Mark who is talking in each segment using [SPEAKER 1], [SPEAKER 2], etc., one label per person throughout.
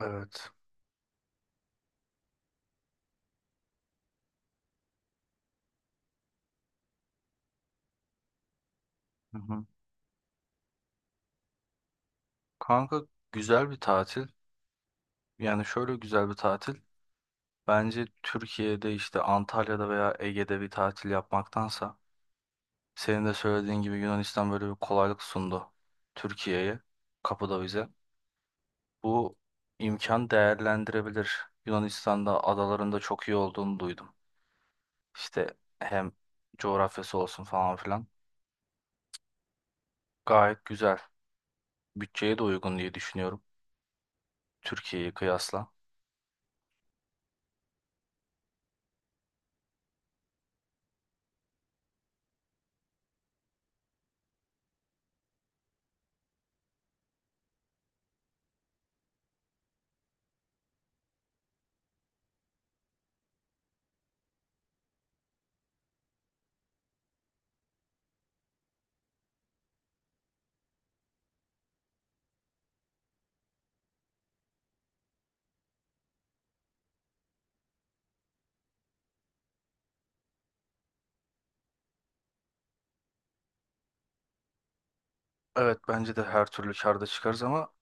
[SPEAKER 1] Evet. Hı hı. Kanka, güzel bir tatil. Yani şöyle güzel bir tatil. Bence Türkiye'de işte Antalya'da veya Ege'de bir tatil yapmaktansa senin de söylediğin gibi Yunanistan böyle bir kolaylık sundu Türkiye'ye, kapıda bize. Bu imkan değerlendirebilir. Yunanistan'da adalarında çok iyi olduğunu duydum. İşte hem coğrafyası olsun falan filan. Gayet güzel. Bütçeye de uygun diye düşünüyorum Türkiye'yi kıyasla. Evet, bence de her türlü karda çıkarız ama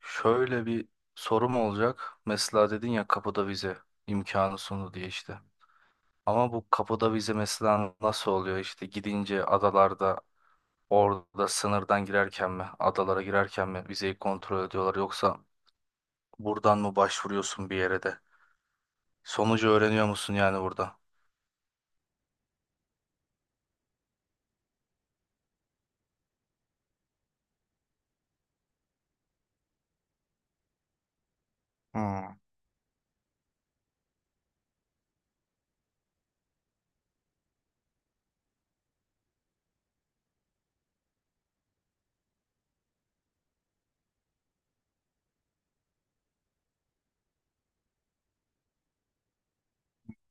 [SPEAKER 1] şöyle bir sorum olacak. Mesela dedin ya kapıda vize imkanı sundu diye işte. Ama bu kapıda vize mesela nasıl oluyor işte gidince adalarda orada sınırdan girerken mi adalara girerken mi vizeyi kontrol ediyorlar yoksa buradan mı başvuruyorsun bir yere de? Sonucu öğreniyor musun yani burada? Hmm,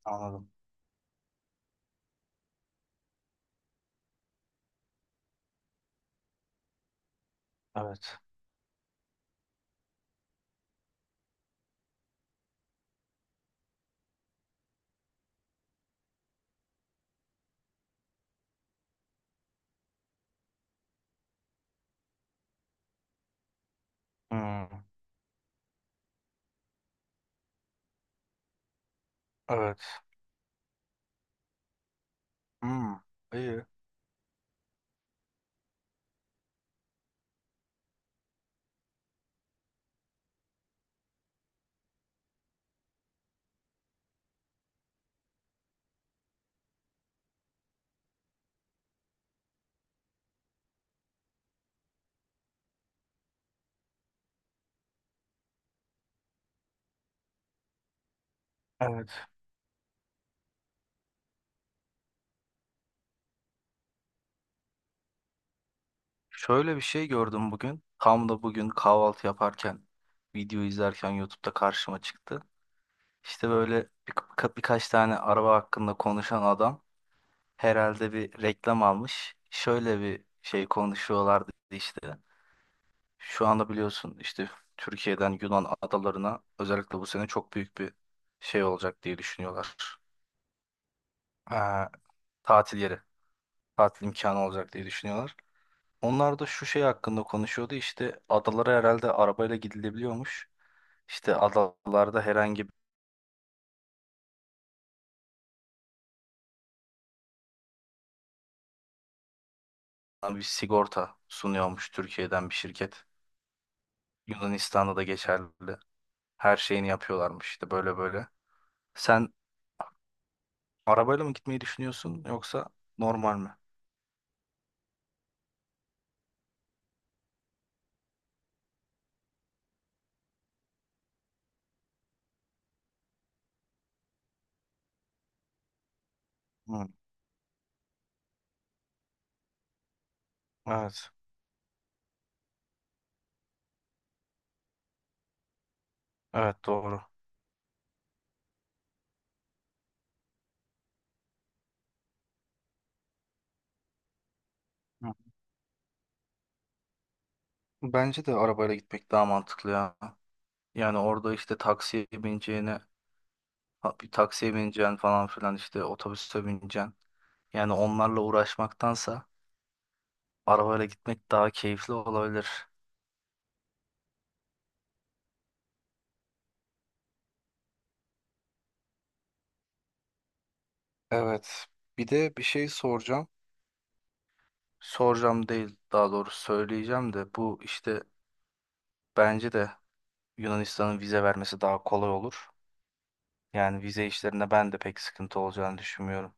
[SPEAKER 1] anladım. Evet. Hmm, evet. Hmm, iyi. Evet. Şöyle bir şey gördüm bugün. Tam da bugün kahvaltı yaparken, video izlerken YouTube'da karşıma çıktı. İşte böyle birkaç tane araba hakkında konuşan adam herhalde bir reklam almış. Şöyle bir şey konuşuyorlardı işte. Şu anda biliyorsun işte Türkiye'den Yunan adalarına özellikle bu sene çok büyük bir şey olacak diye düşünüyorlar. Ee, tatil yeri, tatil imkanı olacak diye düşünüyorlar. Onlar da şu şey hakkında konuşuyordu işte adalara herhalde arabayla gidilebiliyormuş. İşte adalarda herhangi bir sigorta sunuyormuş Türkiye'den bir şirket. Yunanistan'da da geçerli. Her şeyini yapıyorlarmış işte böyle böyle. Sen arabayla mı gitmeyi düşünüyorsun yoksa normal mi? Hı, evet. Evet, doğru. Hı. Bence de arabayla gitmek daha mantıklı ya. Yani orada işte taksiye bineceğine Ha- bir taksiye bineceksin falan filan işte otobüse bineceksin. Yani onlarla uğraşmaktansa arabayla gitmek daha keyifli olabilir. Evet. Bir de bir şey soracağım. Soracağım değil, daha doğrusu söyleyeceğim de bu işte bence de Yunanistan'ın vize vermesi daha kolay olur. Yani vize işlerinde ben de pek sıkıntı olacağını düşünmüyorum.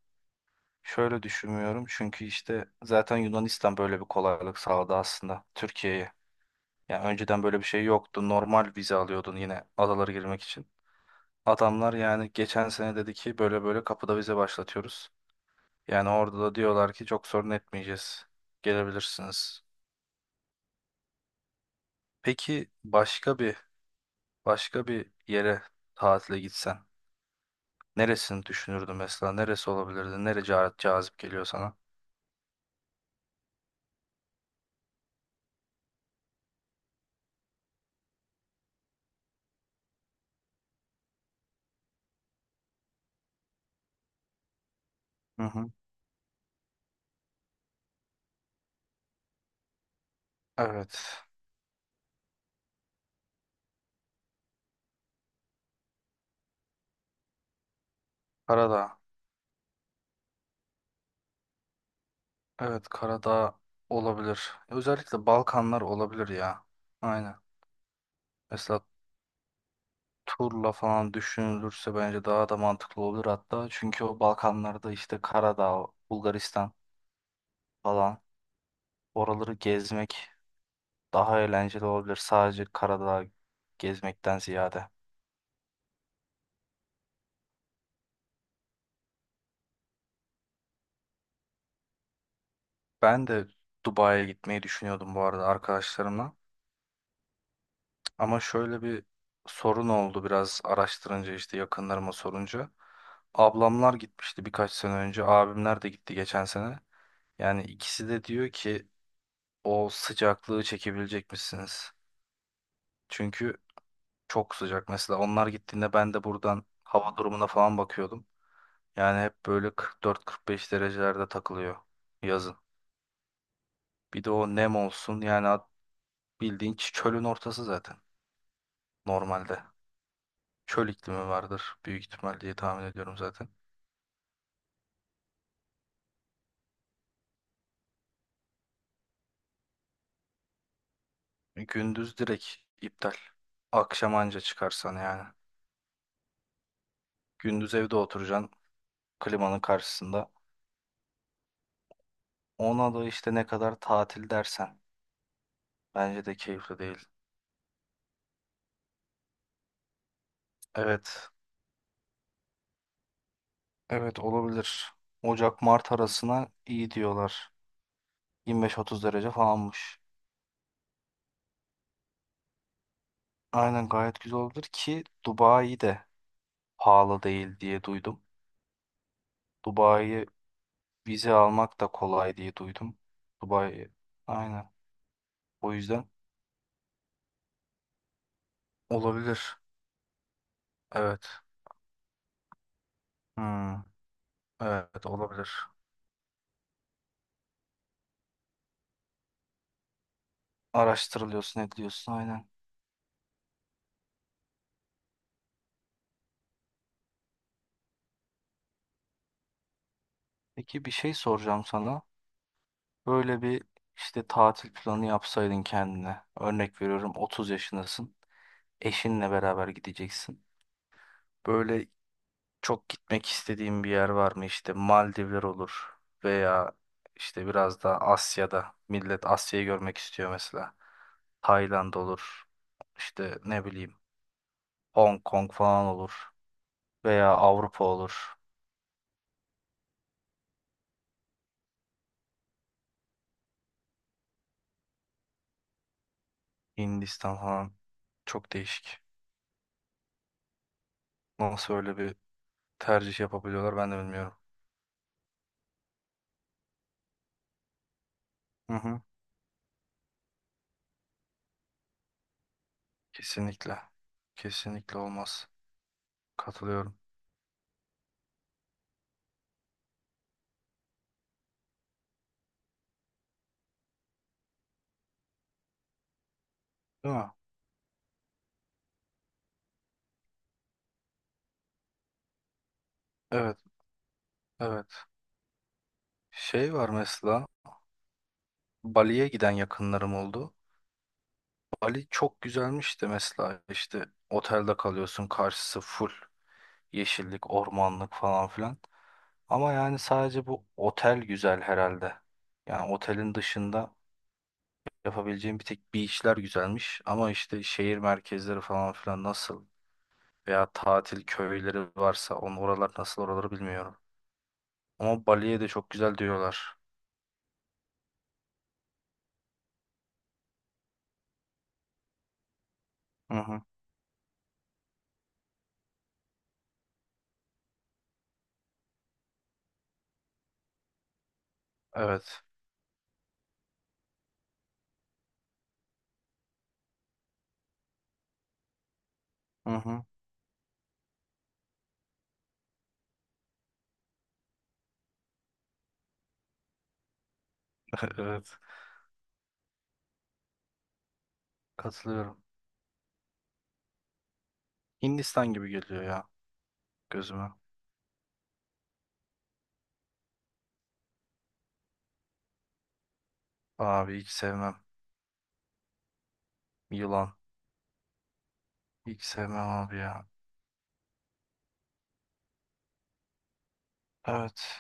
[SPEAKER 1] Şöyle düşünmüyorum çünkü işte zaten Yunanistan böyle bir kolaylık sağladı aslında Türkiye'ye. Yani önceden böyle bir şey yoktu. Normal vize alıyordun yine adalara girmek için. Adamlar yani geçen sene dedi ki böyle böyle kapıda vize başlatıyoruz. Yani orada da diyorlar ki çok sorun etmeyeceğiz. Gelebilirsiniz. Peki başka bir yere tatile gitsen neresini düşünürdün mesela? Neresi olabilirdi? Nere ca- cazip geliyor sana? Hı hı. Evet. Karadağ. Evet, Karadağ olabilir. Özellikle Balkanlar olabilir ya. Aynen. Mesela turla falan düşünülürse bence daha da mantıklı olur hatta. Çünkü o Balkanlarda işte Karadağ, Bulgaristan falan oraları gezmek daha eğlenceli olabilir. Sadece Karadağ gezmekten ziyade. Ben de Dubai'ye gitmeyi düşünüyordum bu arada arkadaşlarımla. Ama şöyle bir sorun oldu biraz araştırınca işte yakınlarıma sorunca. Ablamlar gitmişti birkaç sene önce. Abimler de gitti geçen sene. Yani ikisi de diyor ki o sıcaklığı çekebilecek misiniz? Çünkü çok sıcak mesela. Onlar gittiğinde ben de buradan hava durumuna falan bakıyordum. Yani hep böyle 44-45 derecelerde takılıyor yazın. Bir de o nem olsun yani at- bildiğin ç- çölün ortası zaten normalde. Çöl iklimi vardır büyük ihtimal diye tahmin ediyorum zaten. Gündüz direkt iptal. Akşam anca çıkarsan yani. Gündüz evde oturacaksın klimanın karşısında. Ona da işte ne kadar tatil dersen bence de keyifli değil. Evet. Evet, olabilir. Ocak-Mart arasına iyi diyorlar. 25-30 derece falanmış. Aynen, gayet güzel olabilir ki Dubai de pahalı değil diye duydum. Dubai'ye vize almak da kolay diye duydum. Dubai, aynen. O yüzden olabilir. Evet. Hmm, evet, olabilir. Araştırılıyorsun ediliyorsun aynen. Peki bir şey soracağım sana. Böyle bir işte tatil planı yapsaydın kendine. Örnek veriyorum 30 yaşındasın. Eşinle beraber gideceksin. Böyle çok gitmek istediğin bir yer var mı? İşte Maldivler olur veya işte biraz daha Asya'da. Millet Asya'yı görmek istiyor mesela. Tayland olur. İşte ne bileyim Hong Kong falan olur. Veya Avrupa olur. Hindistan falan. Çok değişik. Nasıl öyle bir tercih yapabiliyorlar ben de bilmiyorum. Hı hı. Kesinlikle. Kesinlikle olmaz. Katılıyorum. Değil mi? Evet, evet. Şey var mesela, Bali'ye giden yakınlarım oldu. Bali çok güzelmiş de mesela işte otelde kalıyorsun karşısı full yeşillik, ormanlık falan filan. Ama yani sadece bu otel güzel herhalde. Yani otelin dışında yapabileceğim bir tek beachler güzelmiş. Ama işte şehir merkezleri falan filan nasıl veya tatil köyleri varsa on oralar nasıl oraları bilmiyorum. Ama Bali'ye de çok güzel diyorlar. Hı hı. Evet. Hı hı. Evet. Katılıyorum. Hindistan gibi geliyor ya. Gözüme. Abi hiç sevmem. Yılan. Hiç sevmem abi ya. Evet.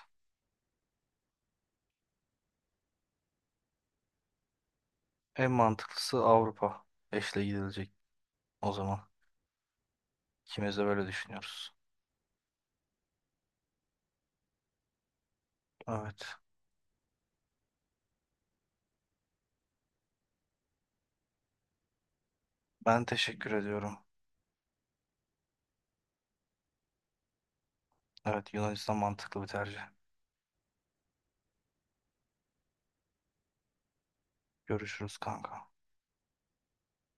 [SPEAKER 1] En mantıklısı Avrupa. Eşle gidilecek o zaman. İkimiz de böyle düşünüyoruz. Evet. Ben teşekkür ediyorum. Evet, Yunanistan mantıklı bir tercih. Görüşürüz kanka.